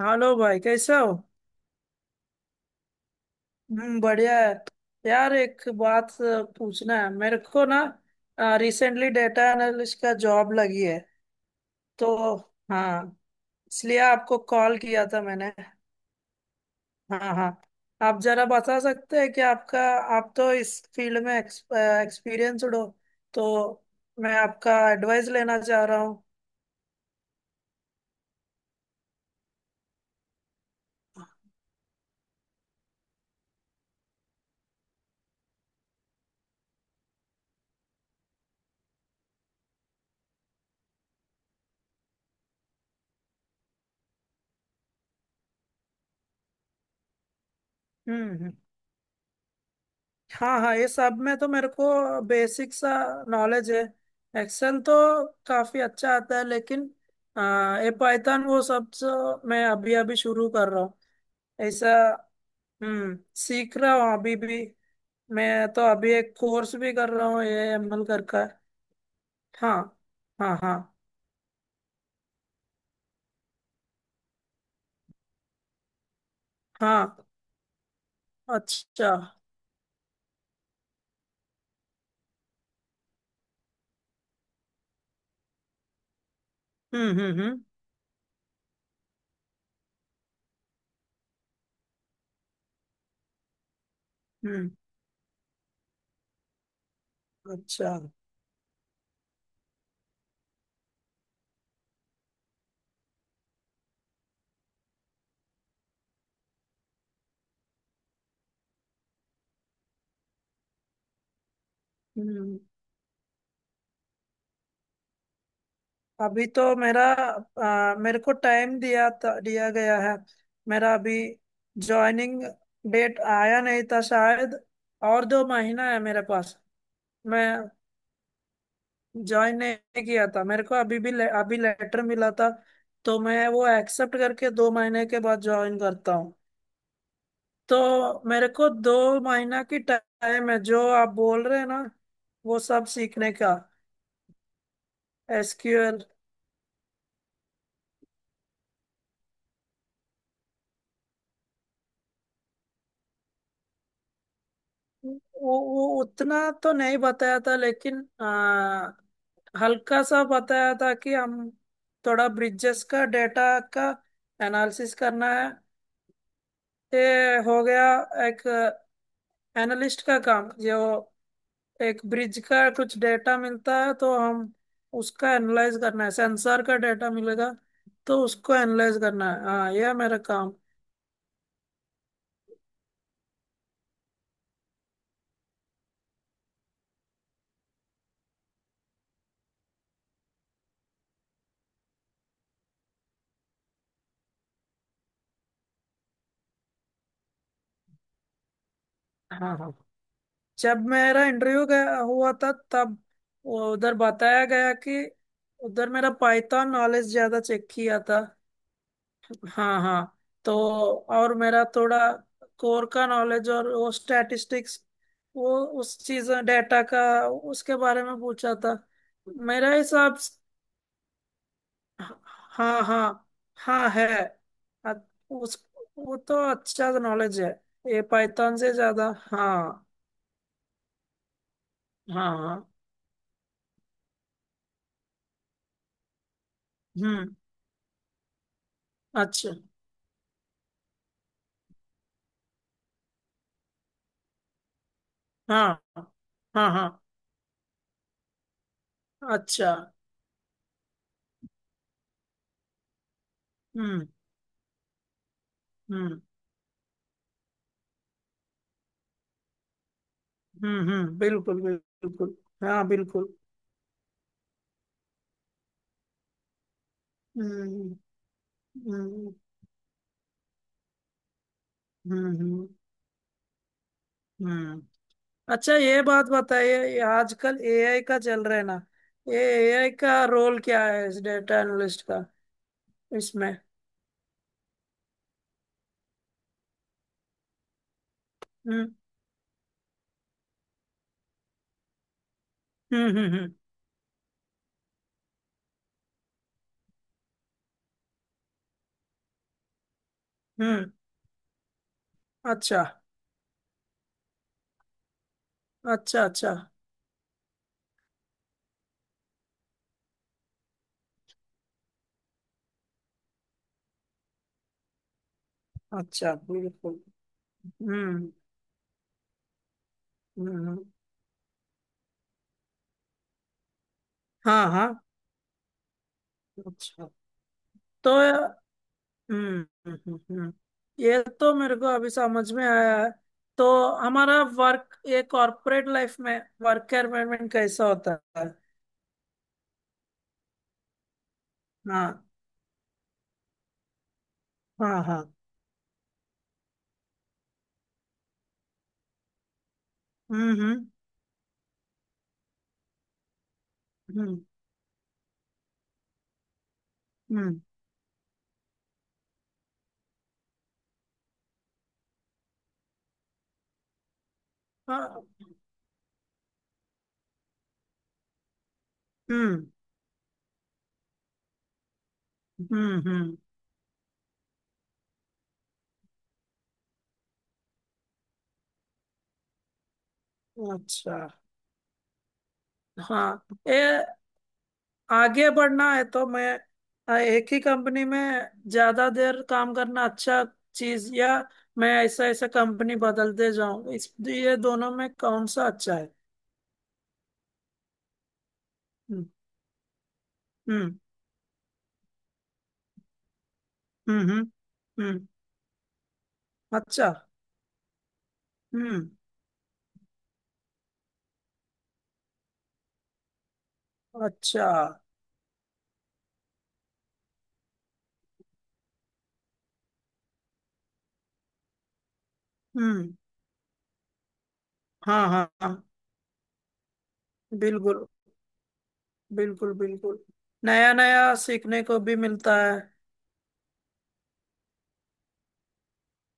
Hello भाई, कैसे हो? हम्म, बढ़िया है। यार, एक बात पूछना है मेरे को ना। रिसेंटली डेटा एनालिस्ट का जॉब लगी है। तो हाँ, इसलिए आपको कॉल किया था मैंने। हाँ हाँ, आप जरा बता सकते हैं कि आपका, आप तो इस फील्ड में एक्सपीरियंसड हो, तो मैं आपका एडवाइस लेना चाह रहा हूँ। हम्म, हाँ हाँ, ये सब में तो मेरे को बेसिक सा नॉलेज है। एक्सेल तो काफी अच्छा आता है, लेकिन ये पाइथन वो सब तो मैं अभी अभी शुरू कर रहा हूँ। ऐसा। सीख रहा हूँ अभी भी। मैं तो अभी एक कोर्स भी कर रहा हूँ, ये एमएल कर का। हाँ हाँ, हाँ हाँ, अच्छा। हम्म हम्म हम्म हम्म, अच्छा। हम्म। अभी तो मेरा, मेरे को टाइम दिया था, दिया गया है। मेरा अभी जॉइनिंग डेट आया नहीं था शायद। और 2 महीना है मेरे पास। मैं ज्वाइन नहीं किया था, मेरे को अभी भी अभी लेटर मिला था। तो मैं वो एक्सेप्ट करके 2 महीने के बाद ज्वाइन करता हूँ। तो मेरे को 2 महीना की टाइम है, जो आप बोल रहे हैं ना, वो सब सीखने का। एसक्यूएल। वो उतना तो नहीं बताया था, लेकिन हल्का सा बताया था कि हम थोड़ा ब्रिजेस का डेटा का एनालिसिस करना है। ये हो गया, एक एनालिस्ट का काम जो, एक ब्रिज का कुछ डेटा मिलता है तो हम उसका एनालाइज करना है, सेंसर का डेटा मिलेगा, तो उसको एनालाइज करना है। हाँ, यह मेरा काम। हाँ हाँ, जब मेरा इंटरव्यू गया हुआ था, तब वो उधर बताया गया कि उधर मेरा पाइथन नॉलेज ज्यादा चेक किया था। हाँ हाँ। तो और मेरा थोड़ा कोर का नॉलेज, और वो स्टैटिस्टिक्स, वो उस चीज डेटा का, उसके बारे में पूछा था। मेरा हिसाब से, हाँ हाँ, हाँ है। अ- उस, वो तो अच्छा नॉलेज है, ये पाइथन से ज्यादा। हाँ। हाँ हाँ, हम्म, अच्छा। हाँ हाँ हाँ, अच्छा। हम्म हम्म हम्म, बिल्कुल बिल्कुल। हाँ, बिल्कुल। हम्म हम्म हम्म हम्म हम्म। अच्छा, ये बात बताइए, ये आजकल एआई का चल रहा है ना। ये एआई का रोल क्या है इस डेटा एनालिस्ट का, इसमें? हम्म हम्म हम्म हम्म हम्म। अच्छा अच्छा, अच्छा अच्छा, बिल्कुल। हम्म हम्म हम्म। हाँ हाँ, अच्छा। तो हम्म हम्म, हम्म, हम्म। ये तो मेरे को अभी समझ में आया है। तो हमारा वर्क, ये कॉर्पोरेट लाइफ में वर्क एनवायरमेंट कैसा होता है? हाँ हाँ हाँ। हम्म हम्म हम्म हम्म, हाँ, हम्म हम्म हम्म, अच्छा। हाँ, ये आगे बढ़ना है तो मैं, एक ही कंपनी में ज्यादा देर काम करना अच्छा चीज, या मैं ऐसा ऐसा कंपनी बदलते जाऊं, इस ये दोनों में कौन सा अच्छा है? हम्म हम्म। हम्म हम्म हम्म, अच्छा। हम्म, अच्छा। हम्म, हाँ हाँ हाँ, बिल्कुल बिल्कुल बिल्कुल। नया नया सीखने को भी मिलता है।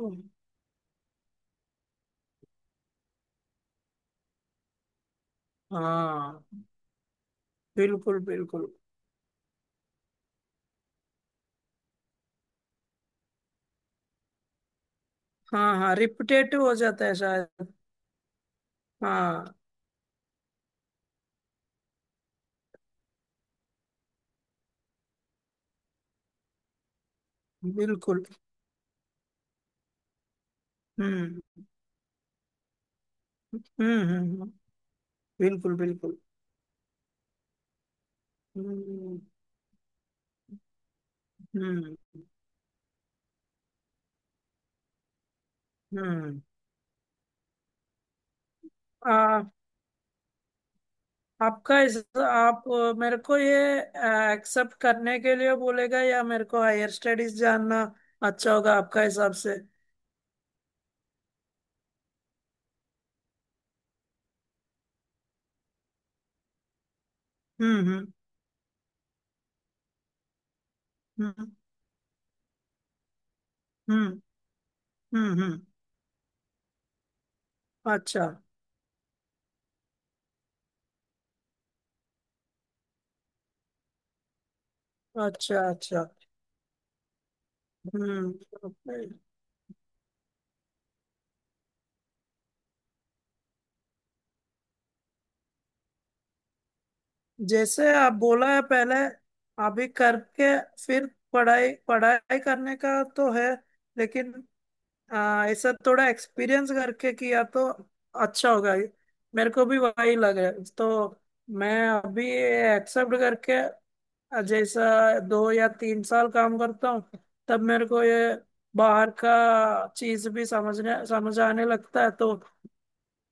हम्म, हाँ बिल्कुल बिल्कुल। हाँ हाँ, रिपीटेटिव हो जाता है शायद। हाँ, बिल्कुल। हम्म हम्म हम्म हम्म, बिल्कुल बिल्कुल। हम्म हम्म हम्म। आपका इस, आप मेरे को ये एक्सेप्ट करने के लिए बोलेगा, या मेरे को हायर स्टडीज जानना अच्छा होगा आपका हिसाब से? हम्म हम्म हम्म हम्म हम्म हम्म, अच्छा अच्छा। अच्छा। हम्म। जैसे आप बोला है, पहले अभी करके, फिर पढ़ाई पढ़ाई करने का तो है, लेकिन हाँ, ऐसा थोड़ा एक्सपीरियंस करके किया तो अच्छा होगा। मेरे को भी वही लग रहा है, तो मैं अभी एक्सेप्ट करके, जैसा 2 या 3 साल काम करता हूँ, तब मेरे को ये बाहर का चीज भी समझ आने लगता है तो।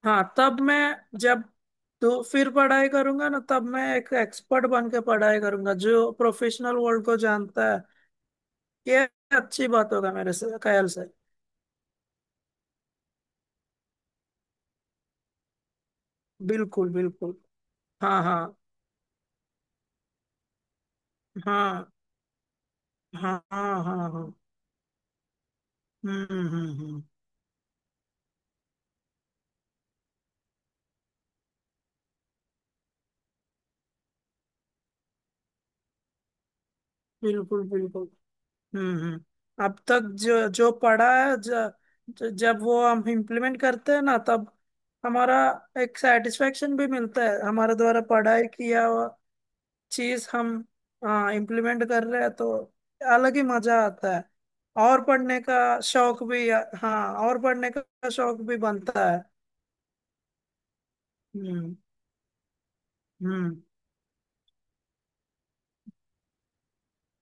हाँ, तब मैं, जब तो फिर पढ़ाई करूंगा ना, तब मैं एक एक्सपर्ट बन के पढ़ाई करूंगा, जो प्रोफेशनल वर्ल्ड को जानता है। ये अच्छी बात होगा मेरे से ख्याल से। बिल्कुल बिल्कुल। हाँ हाँ हाँ हाँ हाँ हाँ हाँ। हम्म, बिल्कुल बिल्कुल। हम्म, अब तक जो जो पढ़ा है, ज, ज, जब वो हम इम्प्लीमेंट करते हैं ना, तब हमारा एक सेटिस्फेक्शन भी मिलता है, हमारे द्वारा पढ़ाई किया हुआ चीज हम, हाँ, इम्प्लीमेंट कर रहे हैं तो अलग ही मजा आता है। और पढ़ने का शौक भी, हाँ, और पढ़ने का शौक भी बनता है। हम्म हम्म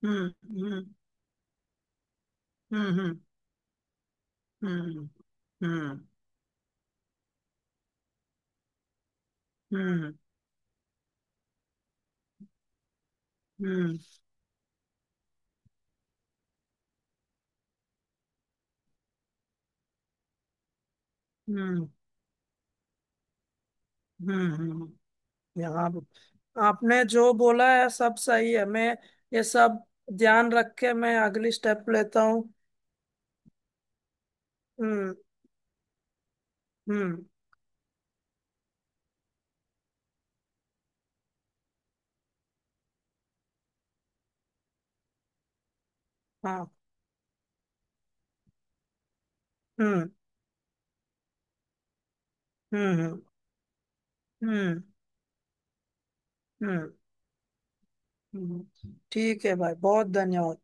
हम्म हम्म हम्म हम्म हम्म हम्म। हम्म हम्म हम्म हम्म हम्म। यहाँ पे, आपने जो बोला है सब सही है। मैं ये सब ध्यान रख के मैं अगली स्टेप लेता हूँ। हम्म हम्म, हाँ, हम्म हम्म हम्म हम्म हम्म ठीक है भाई, बहुत धन्यवाद।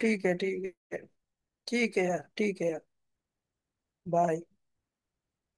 ठीक है, ठीक है। ठीक है यार, ठीक है यार। बाय।